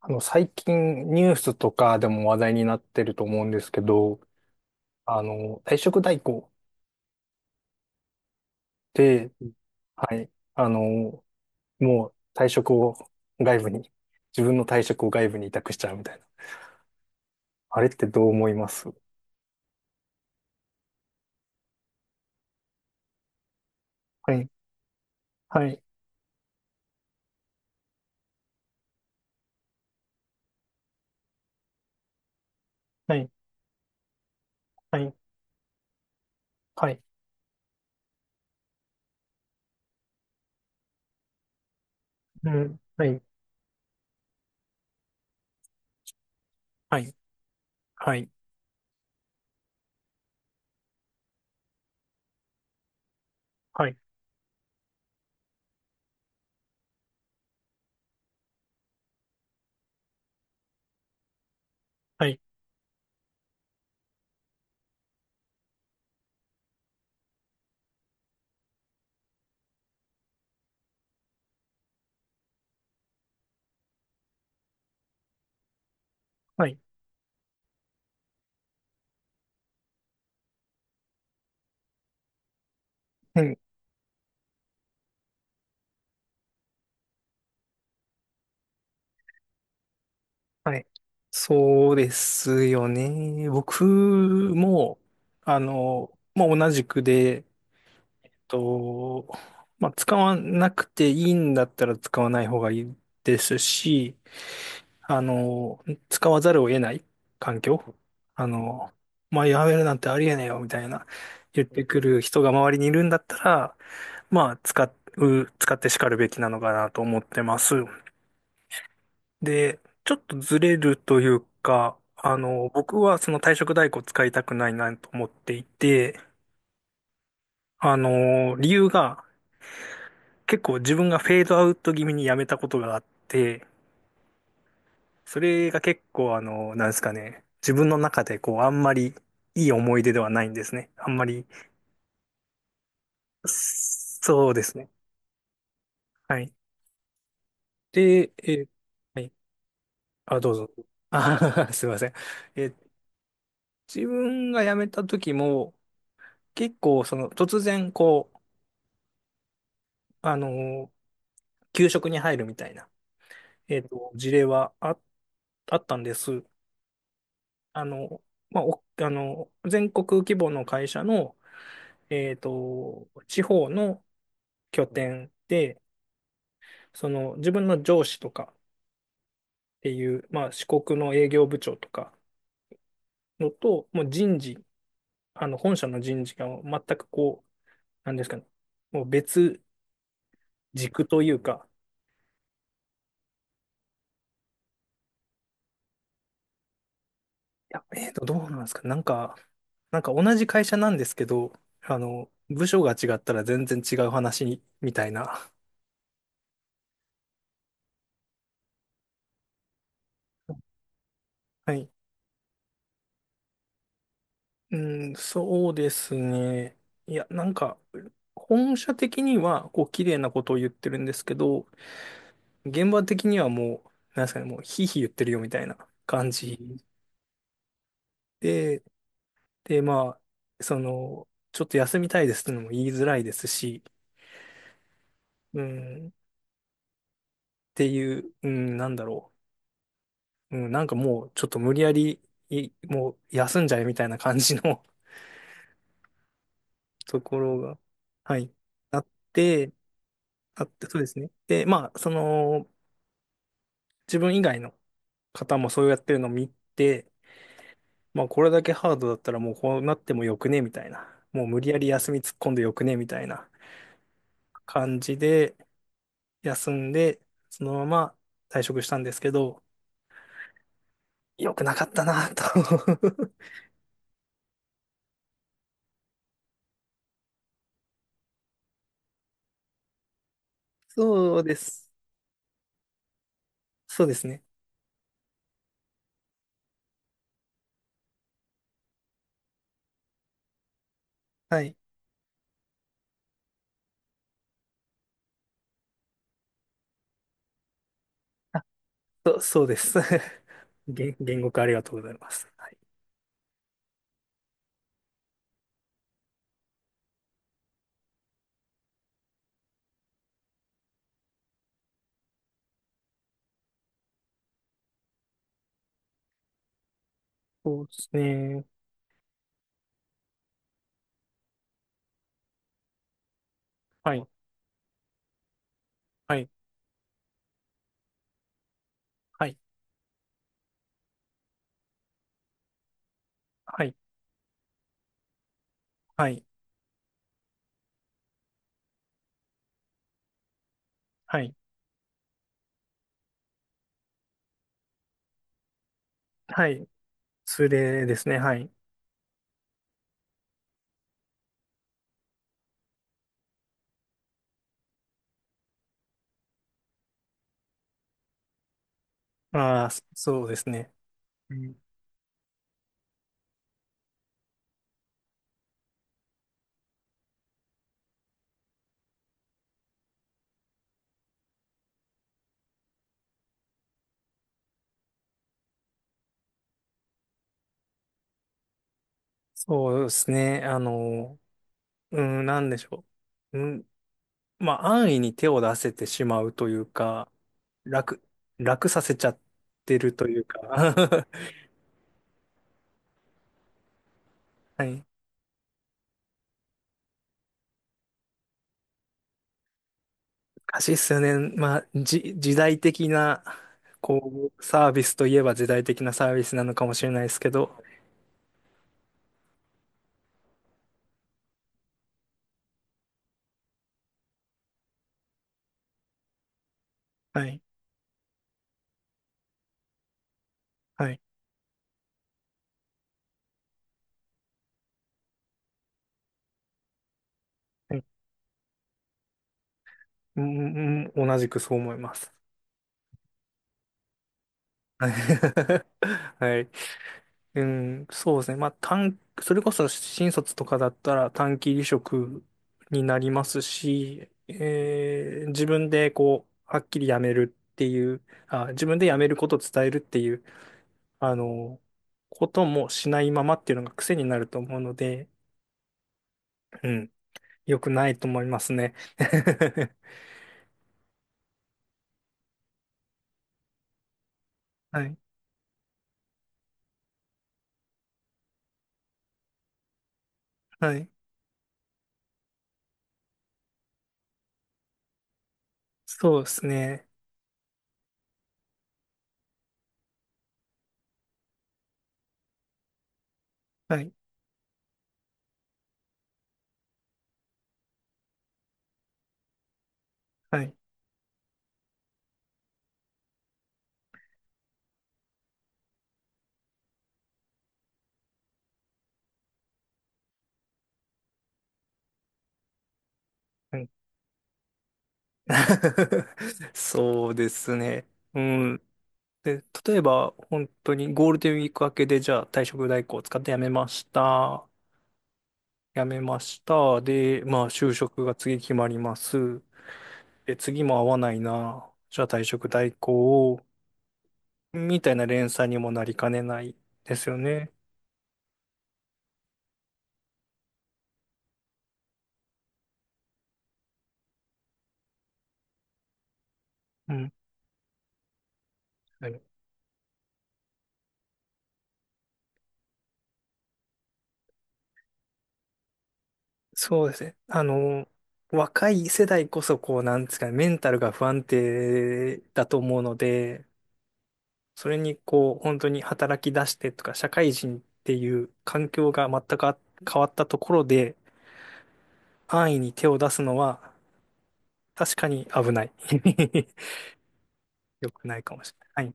最近ニュースとかでも話題になってると思うんですけど、退職代行って、はい、もう退職を外部に、自分の退職を外部に委託しちゃうみたいな。あれってどう思います？はい、はい、はい、はい、はい、うん、はい、はい、はい、はい、はい、はい、うん、はい。そうですよね。僕も、まあ、同じくで、と、まあ、使わなくていいんだったら使わない方がいいですし、あの、使わざるを得ない環境、あの、まあ、やめるなんてありえねえよみたいな言ってくる人が周りにいるんだったら、まあ、使って叱るべきなのかなと思ってます。で、ちょっとずれるというか、あの、僕はその退職代行使いたくないなと思っていて、あの、理由が、結構自分がフェードアウト気味にやめたことがあって、それが結構あの、なんですかね、自分の中でこう、あんまりいい思い出ではないんですね。あんまり、そうですね。はい。で、はい。あ、どうぞ。あー すいません。えー自分が辞めた時も、結構その、突然こう、あのー、給食に入るみたいな、事例はあったんです。あの、まあ、お、あの、全国規模の会社の、地方の拠点で、その自分の上司とかっていう、まあ、四国の営業部長とかのと、もう人事、あの、本社の人事が全くこう、なんですかね、もう別軸というか、いや、どうなんですか、なんか、なんか同じ会社なんですけど、あの、部署が違ったら全然違う話みたいな。はい、うん、そうですね。いや、なんか、本社的には、こう、綺麗なことを言ってるんですけど、現場的にはもう、なんですかね、もう、ひいひい言ってるよみたいな感じで、で、まあ、その、ちょっと休みたいですってのも言いづらいですし、うん、っていう、うん、なんだろう。うん、なんかもう、ちょっと無理やり、いもう、休んじゃえみたいな感じの ところが、はい、あって、あって、そうですね。で、まあ、その、自分以外の方もそうやってるのを見て、まあこれだけハードだったらもうこうなってもよくねみたいな。もう無理やり休み突っ込んでよくねみたいな感じで休んで、そのまま退職したんですけど、良くなかったなと そうです。そうですね。はい。あ、そうです。言語化ありがとうございます。はい。そうですね。はい。はい。はい。はい。はい。はい。はい。ツレですね。はい。ああ、そうですね。うん。そうですね。あの、うん、なんでしょう。うん、まあ、安易に手を出せてしまうというか、楽、楽させちゃってるというか、はい。難しいっすよね。まあ、時代的な、こう、サービスといえば時代的なサービスなのかもしれないですけど、はい。はい。はい、うん、うん同じくそう思います。はい。うん、そうですね。まあ、それこそ新卒とかだったら短期離職になりますし、自分でこう、はっきり辞めるっていう、あ、自分で辞めることを伝えるっていう、あの、こともしないままっていうのが癖になると思うので、うん、良くないと思いますね。はい、はい。そうですね。はい、はい、はい。そうですね。うん。で、例えば、本当にゴールデンウィーク明けで、じゃあ退職代行を使って辞めました。辞めました。で、まあ、就職が次決まります。で、次も合わないな。じゃあ退職代行を、みたいな連鎖にもなりかねないですよね。うん。はい、そうですね。あの、若い世代こそ、こう、なんですかね、メンタルが不安定だと思うので、それにこう、本当に働き出してとか、社会人っていう環境が全く変わったところで、安易に手を出すのは、確かに危ない。良くないかもしれない。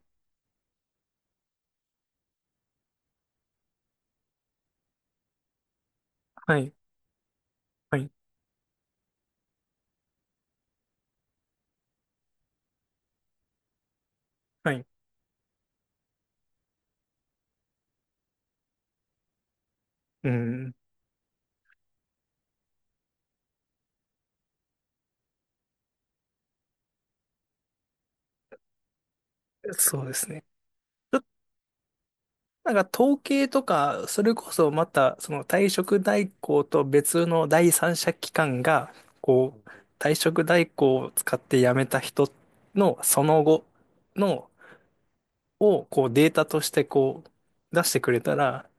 はい。はい。はい。はい。うん。そうですね。なんか統計とか、それこそまた、その退職代行と別の第三者機関が、こう、退職代行を使って辞めた人のその後のをこうデータとしてこう出してくれたら、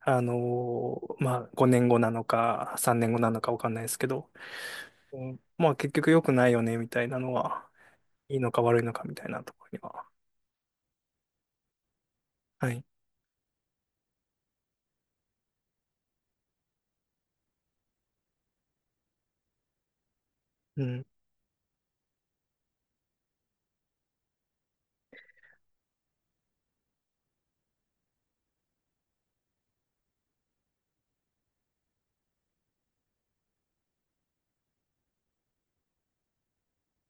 あのまあ5年後なのか3年後なのかわかんないですけど、うんまあ結局良くないよねみたいなのは、いいのか悪いのかみたいなところには。はい。うん。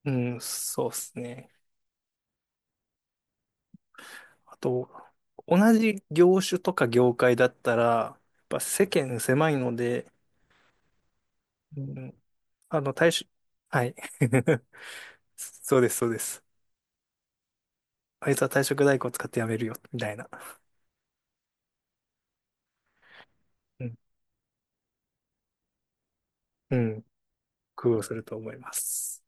うん、そうですね。あと、同じ業種とか業界だったら、やっぱ世間狭いので、うん、あの、退職、はい。そうです、そうです。あいつは退職代行使ってやめるよ、みたいな。うん。うん、工夫をすると思います。